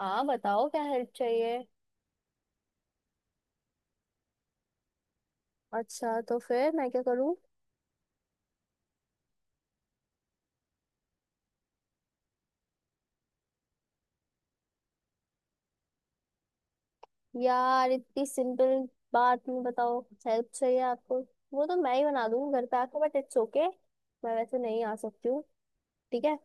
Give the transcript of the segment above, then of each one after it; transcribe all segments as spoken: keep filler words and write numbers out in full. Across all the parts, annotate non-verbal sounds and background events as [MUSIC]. हाँ, बताओ क्या हेल्प चाहिए। अच्छा, तो फिर मैं क्या करूँ। यार इतनी सिंपल बात में बताओ, हेल्प चाहिए आपको। वो तो मैं ही बना दूंगी घर पे आके, बट इट्स ओके, मैं वैसे नहीं आ सकती हूँ। ठीक है।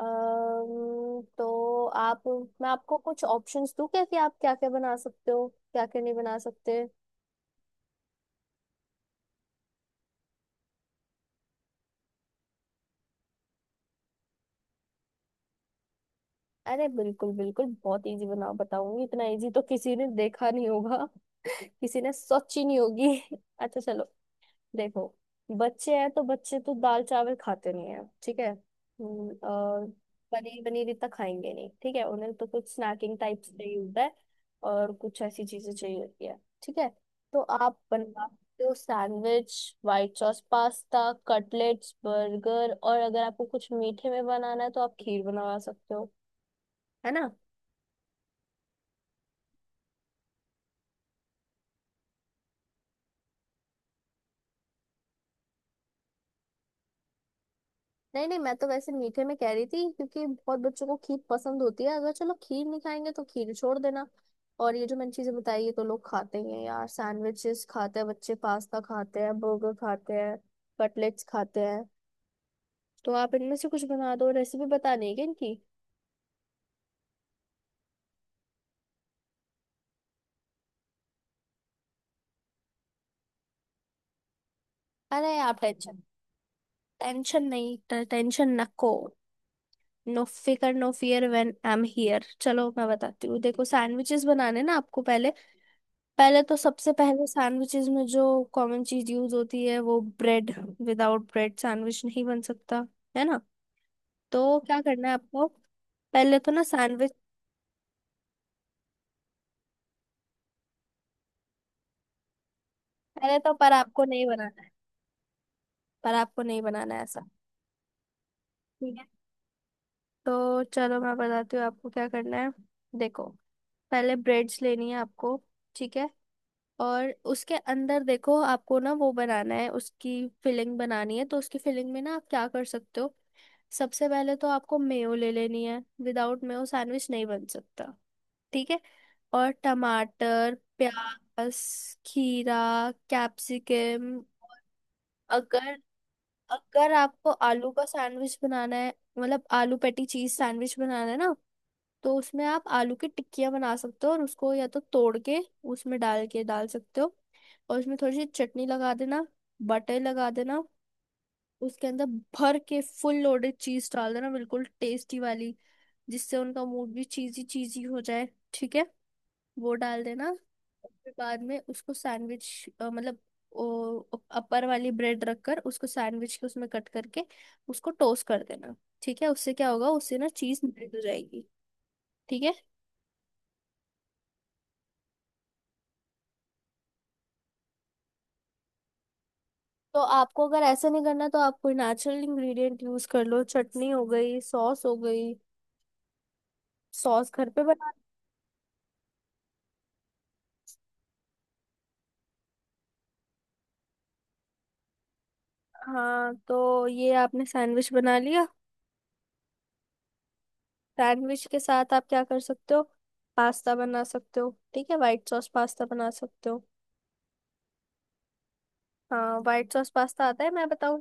अम्म, तो आप, मैं आपको कुछ ऑप्शंस दूँ क्या कि आप क्या क्या बना सकते हो, क्या क्या नहीं बना सकते। अरे बिल्कुल बिल्कुल बहुत इजी बना बताऊंगी, इतना इजी तो किसी ने देखा नहीं होगा, [LAUGHS] किसी ने सोची नहीं होगी। [LAUGHS] अच्छा चलो, देखो, बच्चे हैं तो बच्चे तो दाल चावल खाते नहीं है। ठीक है। हम्म, और पनीर पनीर इतना खाएंगे नहीं। ठीक है, उन्हें तो कुछ स्नैकिंग टाइप चाहिए होता है, और कुछ ऐसी चीजें चाहिए होती है। ठीक है। तो आप बनवा सकते हो sandwich, white sauce pasta, cutlets, burger, और अगर आपको कुछ मीठे में बनाना है तो आप खीर बनवा सकते हो, है ना। नहीं नहीं, मैं तो वैसे मीठे में कह रही थी क्योंकि बहुत बच्चों को खीर पसंद होती है, अगर चलो खीर नहीं खाएंगे तो खीर छोड़ देना। और ये जो मैंने चीजें बताई ये तो लोग खाते ही हैं यार, सैंडविचेस खाते हैं बच्चे, पास्ता खाते हैं, बर्गर खाते हैं, कटलेट्स खाते हैं। तो आप इनमें से कुछ बना दो, रेसिपी बतानी है क्या इनकी। अरे आप टेंशन, टेंशन नहीं, टेंशन नको, नो फिकर no fear when I am here. चलो मैं बताती हूँ, देखो सैंडविचेस बनाने ना आपको पहले, पहले तो सबसे पहले सैंडविचेस में जो कॉमन चीज यूज होती है वो ब्रेड, विदाउट ब्रेड सैंडविच नहीं बन सकता, है ना। तो क्या करना है आपको, पहले तो ना सैंडविच, पहले तो पर आपको नहीं बनाना है, पर आपको नहीं बनाना है ऐसा। ठीक है। तो चलो मैं बताती हूँ आपको क्या करना है। देखो, पहले ब्रेड्स लेनी है आपको। ठीक है। और उसके अंदर देखो आपको ना वो बनाना है, उसकी फिलिंग बनानी है, तो उसकी फिलिंग में ना आप क्या कर सकते हो, सबसे पहले तो आपको मेयो ले लेनी है, विदाउट मेयो सैंडविच नहीं बन सकता। ठीक है। और टमाटर, प्याज, खीरा, कैप्सिकम। अगर अगर आपको आलू का सैंडविच बनाना है, मतलब आलू पेटी चीज सैंडविच बनाना है ना, तो उसमें आप आलू की टिक्कियां बना सकते हो, और उसको या तो तोड़ के उसमें डाल के डाल सकते हो, और उसमें थोड़ी सी चटनी लगा देना, बटर लगा देना, उसके अंदर भर के फुल लोडेड चीज डाल देना बिल्कुल टेस्टी वाली, जिससे उनका मूड भी चीजी चीजी हो जाए। ठीक है, वो डाल देना। फिर बाद में उसको सैंडविच, मतलब अपर वाली ब्रेड रखकर उसको सैंडविच के उसमें कट करके उसको टोस्ट कर देना। ठीक है, उससे क्या होगा, उससे ना चीज मेल्ट हो जाएगी। ठीक है। तो आपको अगर ऐसा नहीं करना तो आप कोई नेचुरल इंग्रेडिएंट यूज कर लो, चटनी हो गई, सॉस हो गई, सॉस घर पे बना। हाँ, तो ये आपने सैंडविच बना लिया। सैंडविच के साथ आप क्या कर सकते हो, पास्ता बना सकते हो। ठीक है, व्हाइट सॉस पास्ता बना सकते हो। हाँ, व्हाइट सॉस पास्ता आता है, मैं बताऊं।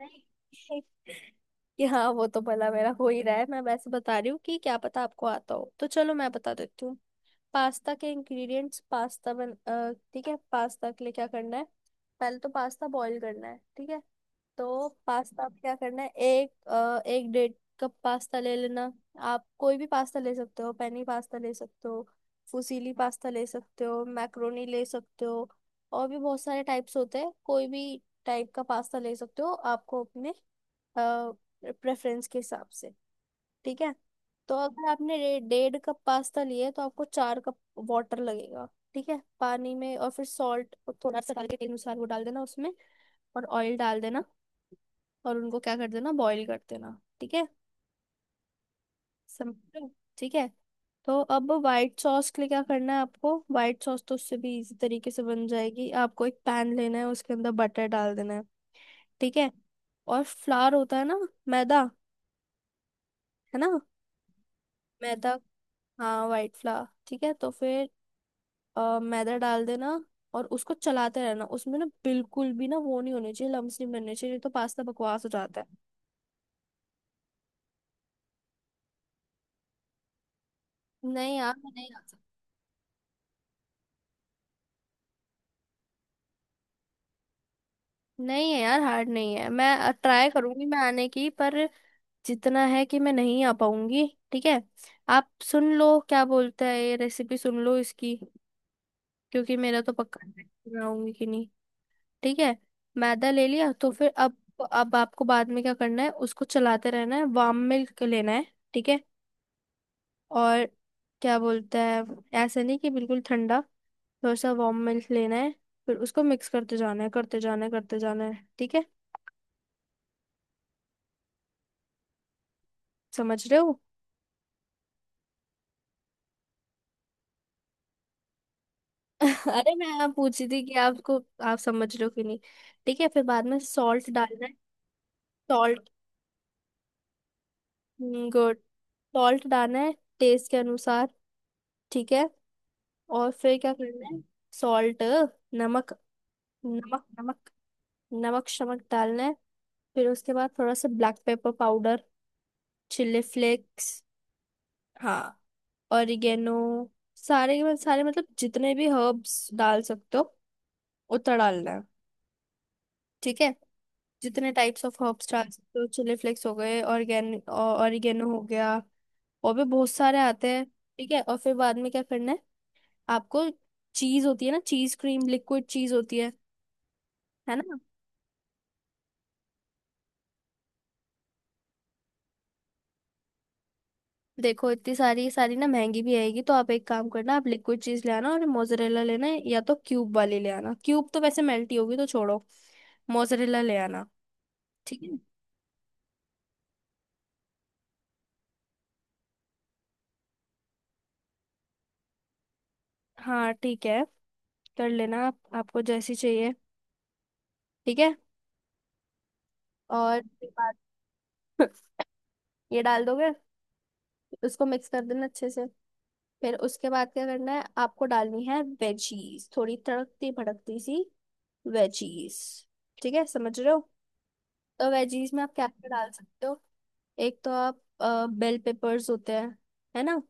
नहीं। [LAUGHS] कि हाँ, वो तो भला मेरा हो ही रहा है, मैं वैसे बता रही हूँ कि क्या पता आपको आता हो, तो चलो मैं बता देती हूँ। पास्ता के इंग्रेडिएंट्स, पास्ता बन अ, ठीक है, पास्ता के लिए क्या करना है। पहले तो पास्ता बॉईल करना है। ठीक है। तो पास्ता आप क्या करना है, एक अ, एक डेढ़ कप पास्ता ले लेना। आप कोई भी पास्ता ले सकते हो, पेनी पास्ता ले सकते हो, फुसीली पास्ता ले सकते हो, मैक्रोनी ले सकते हो, और भी बहुत सारे टाइप्स होते हैं, कोई भी टाइप का पास्ता ले सकते हो आपको अपने प्रेफरेंस के हिसाब से। ठीक है। तो अगर आपने डे- डेढ़ कप पास्ता लिया है, तो आपको चार कप वाटर लगेगा। ठीक है, पानी में, और फिर सॉल्ट थोड़ा सा डाल के टेस्ट अनुसार वो डाल देना उसमें, और ऑयल डाल देना, और उनको क्या कर देना, बॉईल कर देना। ठीक है, समझो। ठीक है। तो अब व्हाइट सॉस के लिए क्या करना है आपको, व्हाइट सॉस तो उससे भी इजी तरीके से बन जाएगी। आपको एक पैन लेना है, उसके अंदर बटर डाल देना है। ठीक है। और फ्लार होता है ना, मैदा, है ना। मैदा, हाँ वाइट फ्लावर। ठीक है, तो फिर अ, मैदा डाल देना, और उसको चलाते रहना, उसमें ना बिल्कुल भी ना वो नहीं होने चाहिए, लम्स नहीं बनने चाहिए, नहीं तो पास्ता बकवास हो जाता है। नहीं यार, मैं नहीं डाल सकती। नहीं है यार, हार्ड नहीं है, मैं ट्राई करूंगी मैं आने की, पर जितना है कि मैं नहीं आ पाऊंगी। ठीक है। आप सुन लो क्या बोलता है, ये रेसिपी सुन लो इसकी, क्योंकि मेरा तो पक्का है कि मैं आऊंगी कि नहीं। ठीक है। मैदा ले लिया, तो फिर अब अब आपको बाद में क्या करना है, उसको चलाते रहना है, वार्म मिल्क लेना है। ठीक है। और क्या बोलता है, ऐसा नहीं कि बिल्कुल ठंडा, थोड़ा सा वार्म मिल्क लेना है। फिर उसको मिक्स करते जाना है, करते जाना है, करते जाना है। ठीक है, समझ रहे हो। [LAUGHS] अरे मैं आप पूछ रही थी कि आपको, आप समझ रहे हो कि नहीं। ठीक है, फिर बाद में सॉल्ट डालना है। सॉल्ट। गुड। सॉल्ट डालना है टेस्ट के अनुसार। ठीक है, और फिर क्या करना है। सॉल्ट, नमक, नमक नमक, नमक शमक डालना है। फिर उसके बाद थोड़ा सा black pepper powder, chilli flakes. हाँ, ऑरिगेनो, सारे के मतलब, सारे मतलब जितने भी हर्ब्स डाल सकते हो उतना डालना है। ठीक है। जितने टाइप्स ऑफ हर्ब्स डाल सकते हो, चिली फ्लेक्स हो गए, ऑरिगेन ऑरिगेनो हो गया, और भी बहुत सारे आते हैं। ठीक है, और फिर बाद में क्या करना है आपको। चीज होती है ना, चीज क्रीम लिक्विड चीज होती है है ना। देखो इतनी सारी सारी ना महंगी भी आएगी, तो आप एक काम करना, आप लिक्विड चीज ले आना, और मोजरेला लेना है, या तो क्यूब वाली ले आना, क्यूब तो वैसे मेल्ट ही होगी तो छोड़ो, मोजरेला ले आना। ठीक है। हाँ ठीक है, कर लेना आप, आपको जैसी चाहिए। ठीक है, और उसके बाद [LAUGHS] ये डाल दोगे, उसको मिक्स कर देना अच्छे से। फिर उसके बाद क्या करना है आपको, डालनी है वेजीज थोड़ी तड़कती भड़कती सी, वेजीज। ठीक है, समझ रहे हो। तो वेजीज में आप क्या क्या डाल सकते हो, एक तो आप बेल पेपर्स होते हैं, है ना,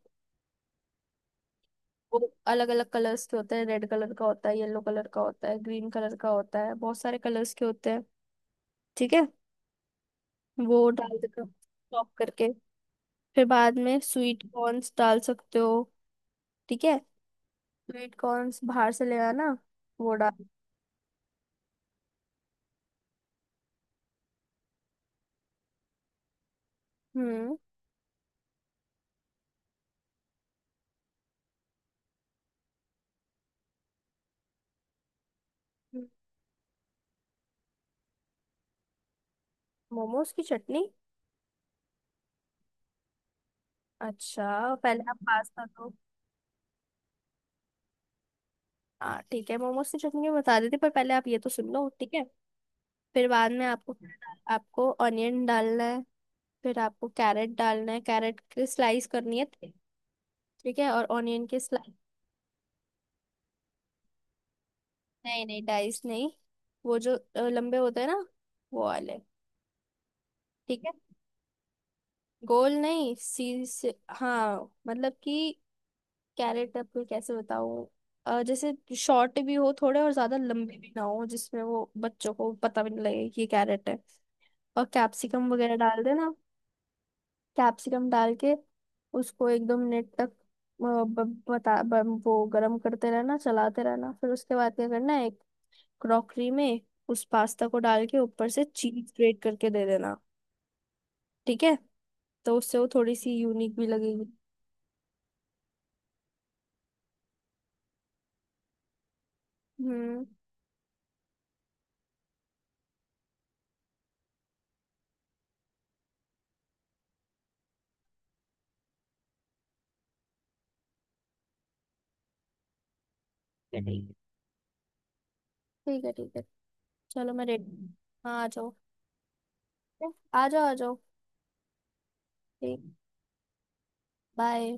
वो अलग अलग कलर्स के होते हैं, रेड कलर का होता है, येलो कलर का होता है, ग्रीन कलर का होता है, बहुत सारे कलर्स के होते हैं। ठीक है, वो डाल देते हो चॉप करके। फिर बाद में स्वीट कॉर्न्स डाल सकते हो। ठीक है, स्वीट कॉर्न्स बाहर से ले आना, वो डाल। हम्म। मोमोज की चटनी। अच्छा पहले आप पास्ता दो। हाँ ठीक है, मोमोज की चटनी मैं बता देती, पर पहले आप ये तो सुन लो। ठीक है, फिर बाद में आपको, आपको ऑनियन डालना है। फिर आपको कैरेट डालना है, कैरेट की स्लाइस करनी है। ठीक है, और ऑनियन के स्लाइस। नहीं नहीं, डाइस नहीं, वो जो अ, लंबे होते हैं ना, वो वाले। ठीक है, गोल नहीं सी से, हाँ मतलब कि कैरेट आपको कैसे बताऊँ, अ, जैसे शॉर्ट भी हो थोड़े और ज्यादा लंबे भी ना हो, जिसमें वो बच्चों को पता भी नहीं लगे कि ये कैरेट है, और कैप्सिकम वगैरह डाल देना। कैप्सिकम डाल के उसको एक दो मिनट तक अ, ब- बता ब, वो गरम करते रहना चलाते रहना, फिर उसके बाद क्या करना है, एक क्रॉकरी में उस पास्ता को डाल के ऊपर से चीज स्प्रेड करके दे देना। ठीक है, तो उससे वो थोड़ी सी यूनिक भी लगेगी। हम्म। ठीक है, ठीक है। चलो मैं रेडी। हाँ आ जाओ, आ जाओ, आ जाओ। ठीक। बाय।